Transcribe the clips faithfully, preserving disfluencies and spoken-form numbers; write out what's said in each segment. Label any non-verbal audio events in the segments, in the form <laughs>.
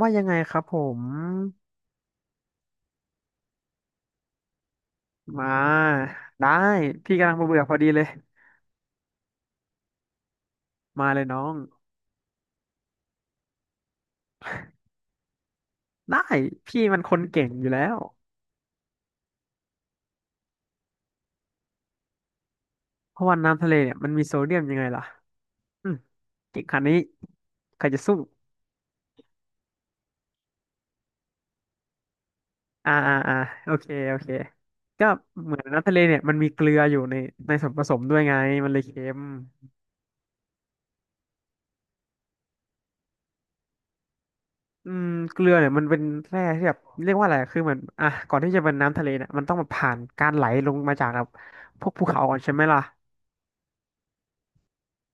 ว่ายังไงครับผมมาได้พี่กำลังเบื่อๆพอดีเลยมาเลยน้องได้พี่มันคนเก่งอยู่แล้วเพราะว่าน้ำทะเลเนี่ยมันมีโซเดียมยังไงล่ะอืมเก่งขนาดนี้ใครจะสู้อ่าอ่าอ่าโอเคโอเคก็เหมือนน้ำทะเลเนี่ยมันมีเกลืออยู่ในในส่วนผสมด้วยไงมันเลยเค็มอืมเกลือเนี่ยมันเป็นแร่ที่แบบเรียกว่าอะไรคือเหมือนอ่ะก่อนที่จะเป็นน้ำทะเลเนี่ยมันต้องมาผ่านการไหลลงมาจากแบบพวกภูเขาก่อนใช่ไหมล่ะ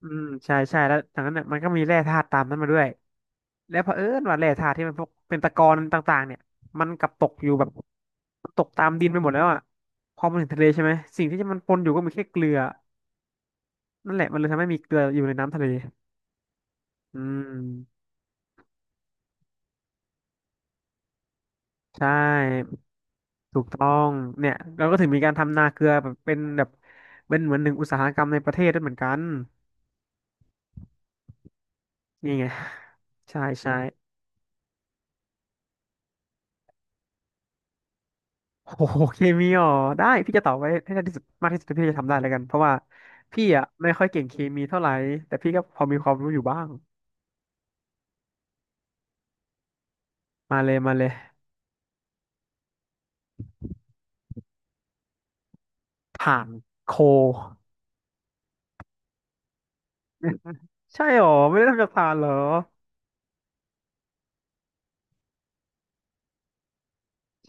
อืมใช่ใช่แล้วจากนั้นเนี่ยมันก็มีแร่ธาตุตามนั้นมาด้วยแล้วเผอิญว่าแร่ธาตุที่มันพวกเป็นตะกอนต่างๆเนี่ยมันกลับตกอยู่แบบตกตามดินไปหมดแล้วอ่ะพอมันถึงทะเลใช่ไหมสิ่งที่มันปนอยู่ก็มีแค่เกลือนั่นแหละมันเลยทำให้มีเกลืออยู่ในน้ำทะเลอืมใช่ถูกต้องเนี่ยเราก็ถึงมีการทำนาเกลือแบบเป็นแบบเป็นเหมือนหนึ่งอุตสาหกรรมในประเทศด้วยเหมือนกันนี่ไงใช่ใช่ โอ้โหเคมีอ๋อได้พี่จะตอบไว้ให้ได้ที่สุดมากที่สุดที่พี่จะทำได้แล้วกันเพราะว่าพี่อ่ะไม่ค่อยเก่งเคมีเท่าไหร่แต่พี่ก็พอมีความรู้อยู่บ้างมาเลยมาเลยถ่านโค <laughs> ใช่หรอไม่ได้ทำจากถ่านเหรอ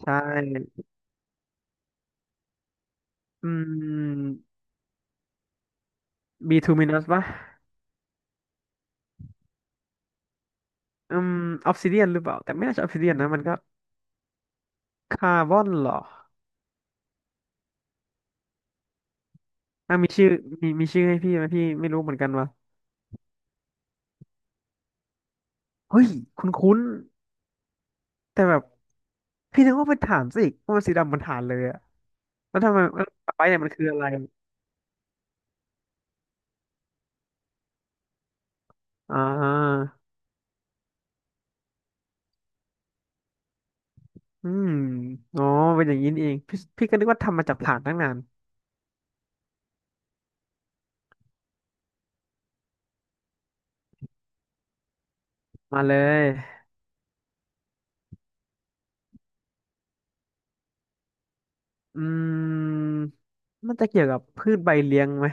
ใช่อืมบีทูมินัสป่ะอืมออฟซิเดียนหรือเปล่าแต่ไม่น่าจะออฟซิเดียนนะมันก็คาร์บอนเหรออ่ะมีชื่อมีมีชื่อให้พี่ไหมพี่ไม่รู้เหมือนกันว่ะเฮ้ยคุ้นๆแต่แบบพี่นึกว่าเป็นถ่านซะอีกเพราะมันสีดำเหมือนถ่านเลยอะ แล้วทำไมเออไปเนี่ยมันคืออะไรอ่าอืมอ๋อเป็นอย่างนี้นี่เองพี่พี่ก็นึกว่าทำมาจากถ่านตั้งนานมาเลยอืมมันจะเกี่ยวกับพืชใบเลี้ยงไหม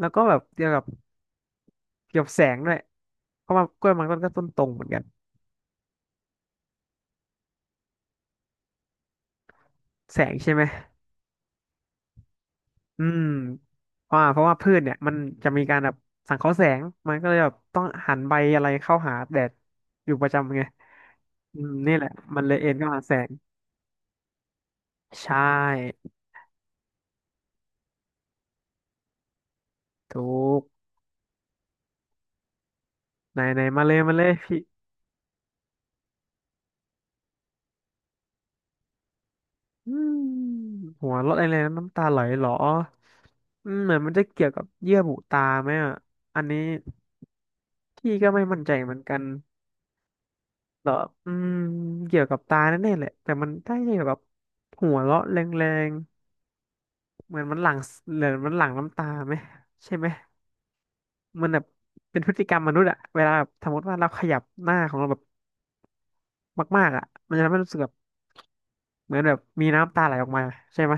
แล้วก็แบบเกี่ยวกับเกี่ยวกับแสงด้วยเพราะว่ากล้วยมันก็ต้นตรงเหมือนกันแสงใช่ไหมอืมเพราะว่าเพราะว่าพืชเนี่ยมันจะมีการแบบสังเคราะห์แสงมันก็เลยแบบต้องหันใบอะไรเข้าหาแดดอยู่ประจำไงอืมนี่แหละมันเลยเอ็นเข้าหาแสงใช่ถูก ไหนไหนมาเลยมาเลยพี่อืมหัวเราะอะไรนะน้ำตาไหลเหรออืมเหมือนมันจะเกี่ยวกับเยื่อบุตาไหมอ่ะอันนี้พี่ก็ไม่มั่นใจเหมือนกันเหรออืมเกี่ยวกับตาแน่ๆแหละแต่มันได้เกี่ยวกับหัวเราะแรงๆเหมือนมันหลั่งเหมือนมันหลั่งน้ำตาไหมใช่ไหมมันแบบเป็นพฤติกรรมมนุษย์อะเวลาแบบสมมติว่าเราขยับหน้าของเราแบบมากๆอะมันจะทำให้รู้สึกแบบเหมือนแบบมีน้ำตาไหลออกมาใช่ไหม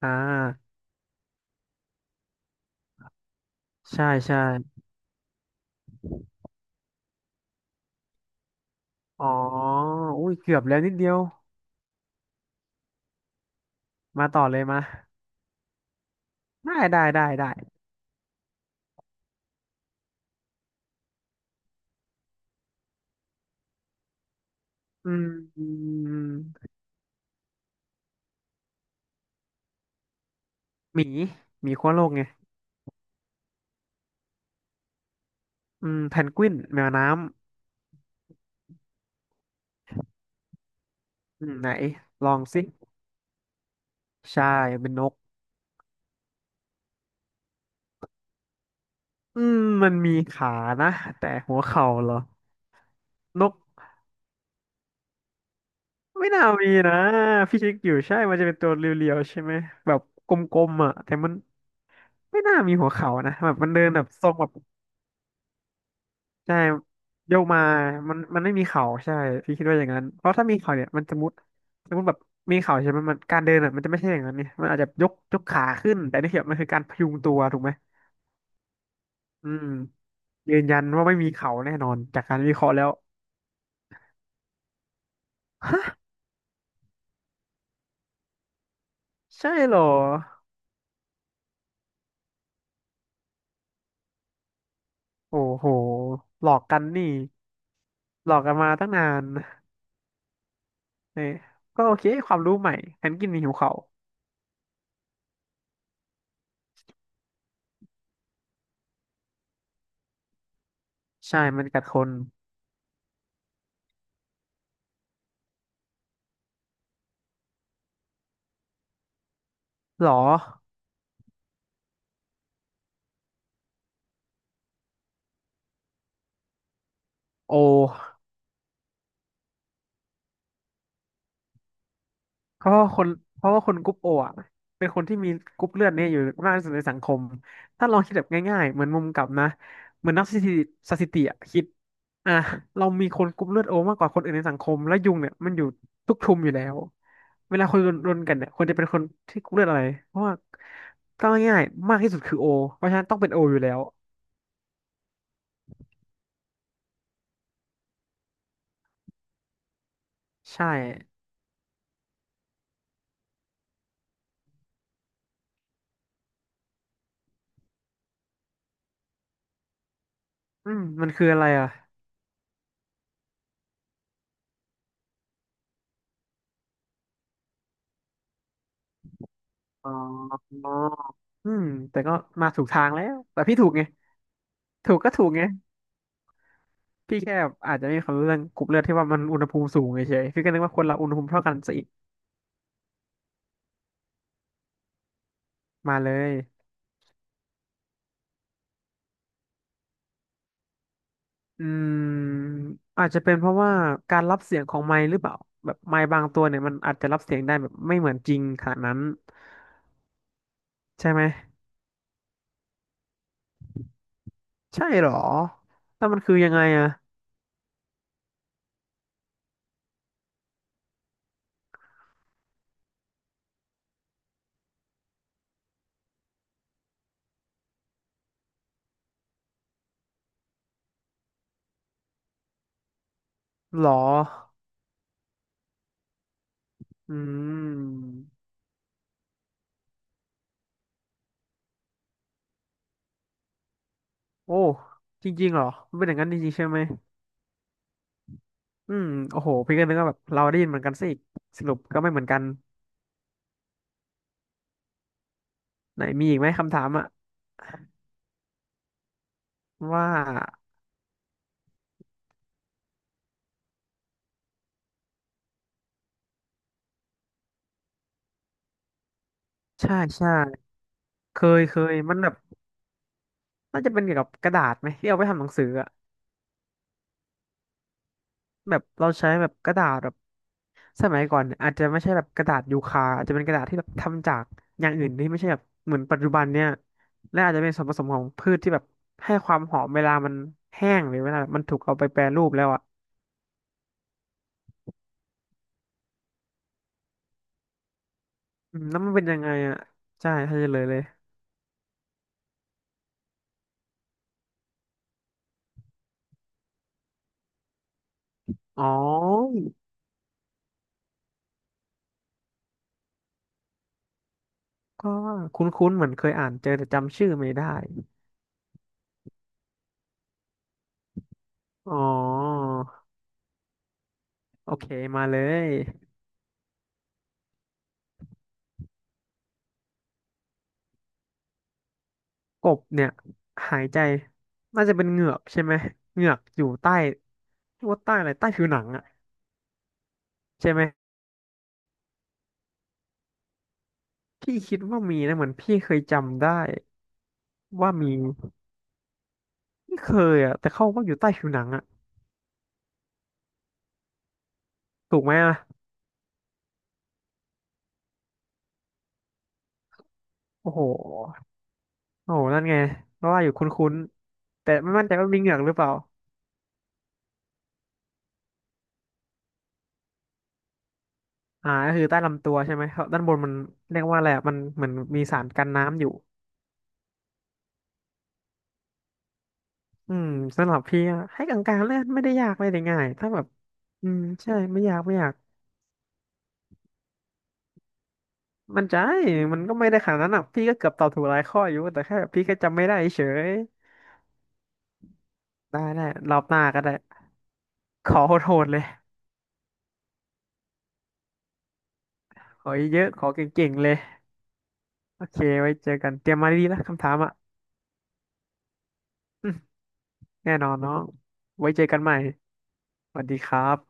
อ่าใช่ใช่ อ๋ออุ้ยเกือบแล้วนิดเดียวมาต่อเลยมาได้ได้ได้ได้อืมอืมหมีหมีขั้วโลกไงอืมแพนกวินแมวน้ำอืมไหนลองสิ ใช่เป็นนกอืมมันมีขานะแต่หัวเข่าเหรอ นกไม่น่ามีนะพี่เชิคอยู่ใช่มันจะเป็นตัวเรียวๆใช่ไหม แบบกลมๆอ่ะแต่มันไม่น่ามีหัวเข่านะแบบมันเดินแบบทรงแบบ ใช่โยกมามันมันไม่มีเข่าใช่พี่คิดว่าอย่างนั้นเพราะถ้ามีเข่าเนี่ยมันจะมุดสมมติแบบมีเข่าใช่ไหมมันการเดินอ่ะมันจะไม่ใช่อย่างนั้นเนี่ยมันอาจจะยกยกขาขึ้นแต่นี่คือมันคือการพยุงตัวถูกไหมอืมยืนยันว่าไม่มีเข่าแน่นอนจากการวิเคราะห์แล้วใช่เหรอโอ้โหหลอกกันนี่หลอกกันมาตั้งนานเน่ยก็โอเคความรู้ใหม่แพนกินมีหิวเข่าใช่มันกัดคนหรอโอ เพราะว่าคนเพราะว่าคนกรุ๊ปโออ่ะเป็นคนที่มีกรุ๊ปเลือดเนี่ยอยู่มากที่สุดในสังคมถ้าลองคิดแบบง่ายๆเหมือนมุมกลับนะเหมือนนักสถิติสถิติอะคิดอ่ะเรามีคนกรุ๊ปเลือดโอมากกว่าคนอื่นในสังคมและยุงเนี่ยมันอยู่ทุกชุมอยู่แล้วเวลาคนรนกันเนี่ยควรจะเป็นคนที่กรุ๊ปเลือดอะไรเพราะว่าก็ง่ายๆมากที่สุดคือโอเพราะฉะนั้นต้องเป็นโออยู่แล้วใช่อืมมันคืออะไรอ่ะอ๋ออืมแต่ก็มาถูกทางแล้วแต่พี่ถูกไงถูกก็ถูกไง พี่แค่อาจจะไม่มีความรู้เรื่องกรุ๊ปเลือดที่ว่ามันอุณหภูมิสูงเฉยๆพี่ก็นึกว่าคนเราอุณหภูมิเท่ากันซะอีกมาเลยอืมอาจจะเป็นเพราะว่าการรับเสียงของไมค์หรือเปล่าแบบไมค์บางตัวเนี่ยมันอาจจะรับเสียงได้แบบไม่เหมือนจริงขนาดนั้นใช่ไหมใช่เหรอแล้วมันคือยังไงอะหรออืมโอ้จริงๆเหรอมันเป็นอย่างนั้นจริงๆใช่ไหมอืมโอ้โหพี่ก็นึกว่าแบบเราได้ยินเหมือนกันซะอีกสรุปก็ไม่เหมือนกันไหนมีอีกไหมคำถามอะว่า ใช่ใช่เคยเคยมันแบบน่าจะเป็นเกี่ยวกับกระดาษไหมที่เอาไปทำหนังสืออะแบบเราใช้แบบกระดาษแบบสมัยก่อนเนี่ยอาจจะไม่ใช่แบบกระดาษยูคาอาจจะเป็นกระดาษที่แบบทำจากอย่างอื่นที่ไม่ใช่แบบเหมือนปัจจุบันเนี่ยและอาจจะเป็นส่วนผสมของพืชที่แบบให้ความหอมเวลามันแห้งหรือเวลามันถูกเอาไปแปรรูปแล้วอ่ะอืมแล้วมันเป็นยังไงอ่ะใช่จะเลยเลยอ๋อก็คุ้นๆเหมือนเคยอ่านเจอแต่จำชื่อไม่ได้อ๋อโอเคมาเลย กบเนี่ยหายใจน่าจะเป็นเหงือกใช่ไหมเหงือกอยู่ใต้ว่าใต้อะไรใต้ผิวหนังอะใช่ไหมพี่คิดว่ามีนะเหมือนพี่เคยจำได้ว่ามีไม่เคยอะแต่เขาว่าอยู่ใต้ผิวหนังอะถูกไหมอะโอ้โหโอ้โหนั่นไงเพราะว่าอยู่คุ้นๆแต่ไม่มั่นใจว่ามีเหงือกหรือเปล่าอ่าก็คือใต้ลำตัวใช่ไหมครับด้านบนมันเรียกว่าอะไรอะมันเหมือนมีสารกันน้ำอยู่อืมสำหรับพี่อะให้กลางๆเลยไม่ได้ยากไม่ได้ง่ายถ้าแบบอืมใช่ไม่ยากไม่ยาก มันใจมันก็ไม่ได้ขนาดนั้นอ่ะพี่ก็เกือบตอบถูกหลายข้ออยู่แต่แค่พี่ก็จำไม่ได้เฉยได้ได้รอบหน้าก็ได้ ขอโหดๆเลย ขอเยอะๆขอเก่งๆเลย โอเคไว้เจอกัน เตรียมมาดีๆนะคำถามอ่ะอืมแน่นอนน้องไว้เจอกันใหม่ สวัสดีครับ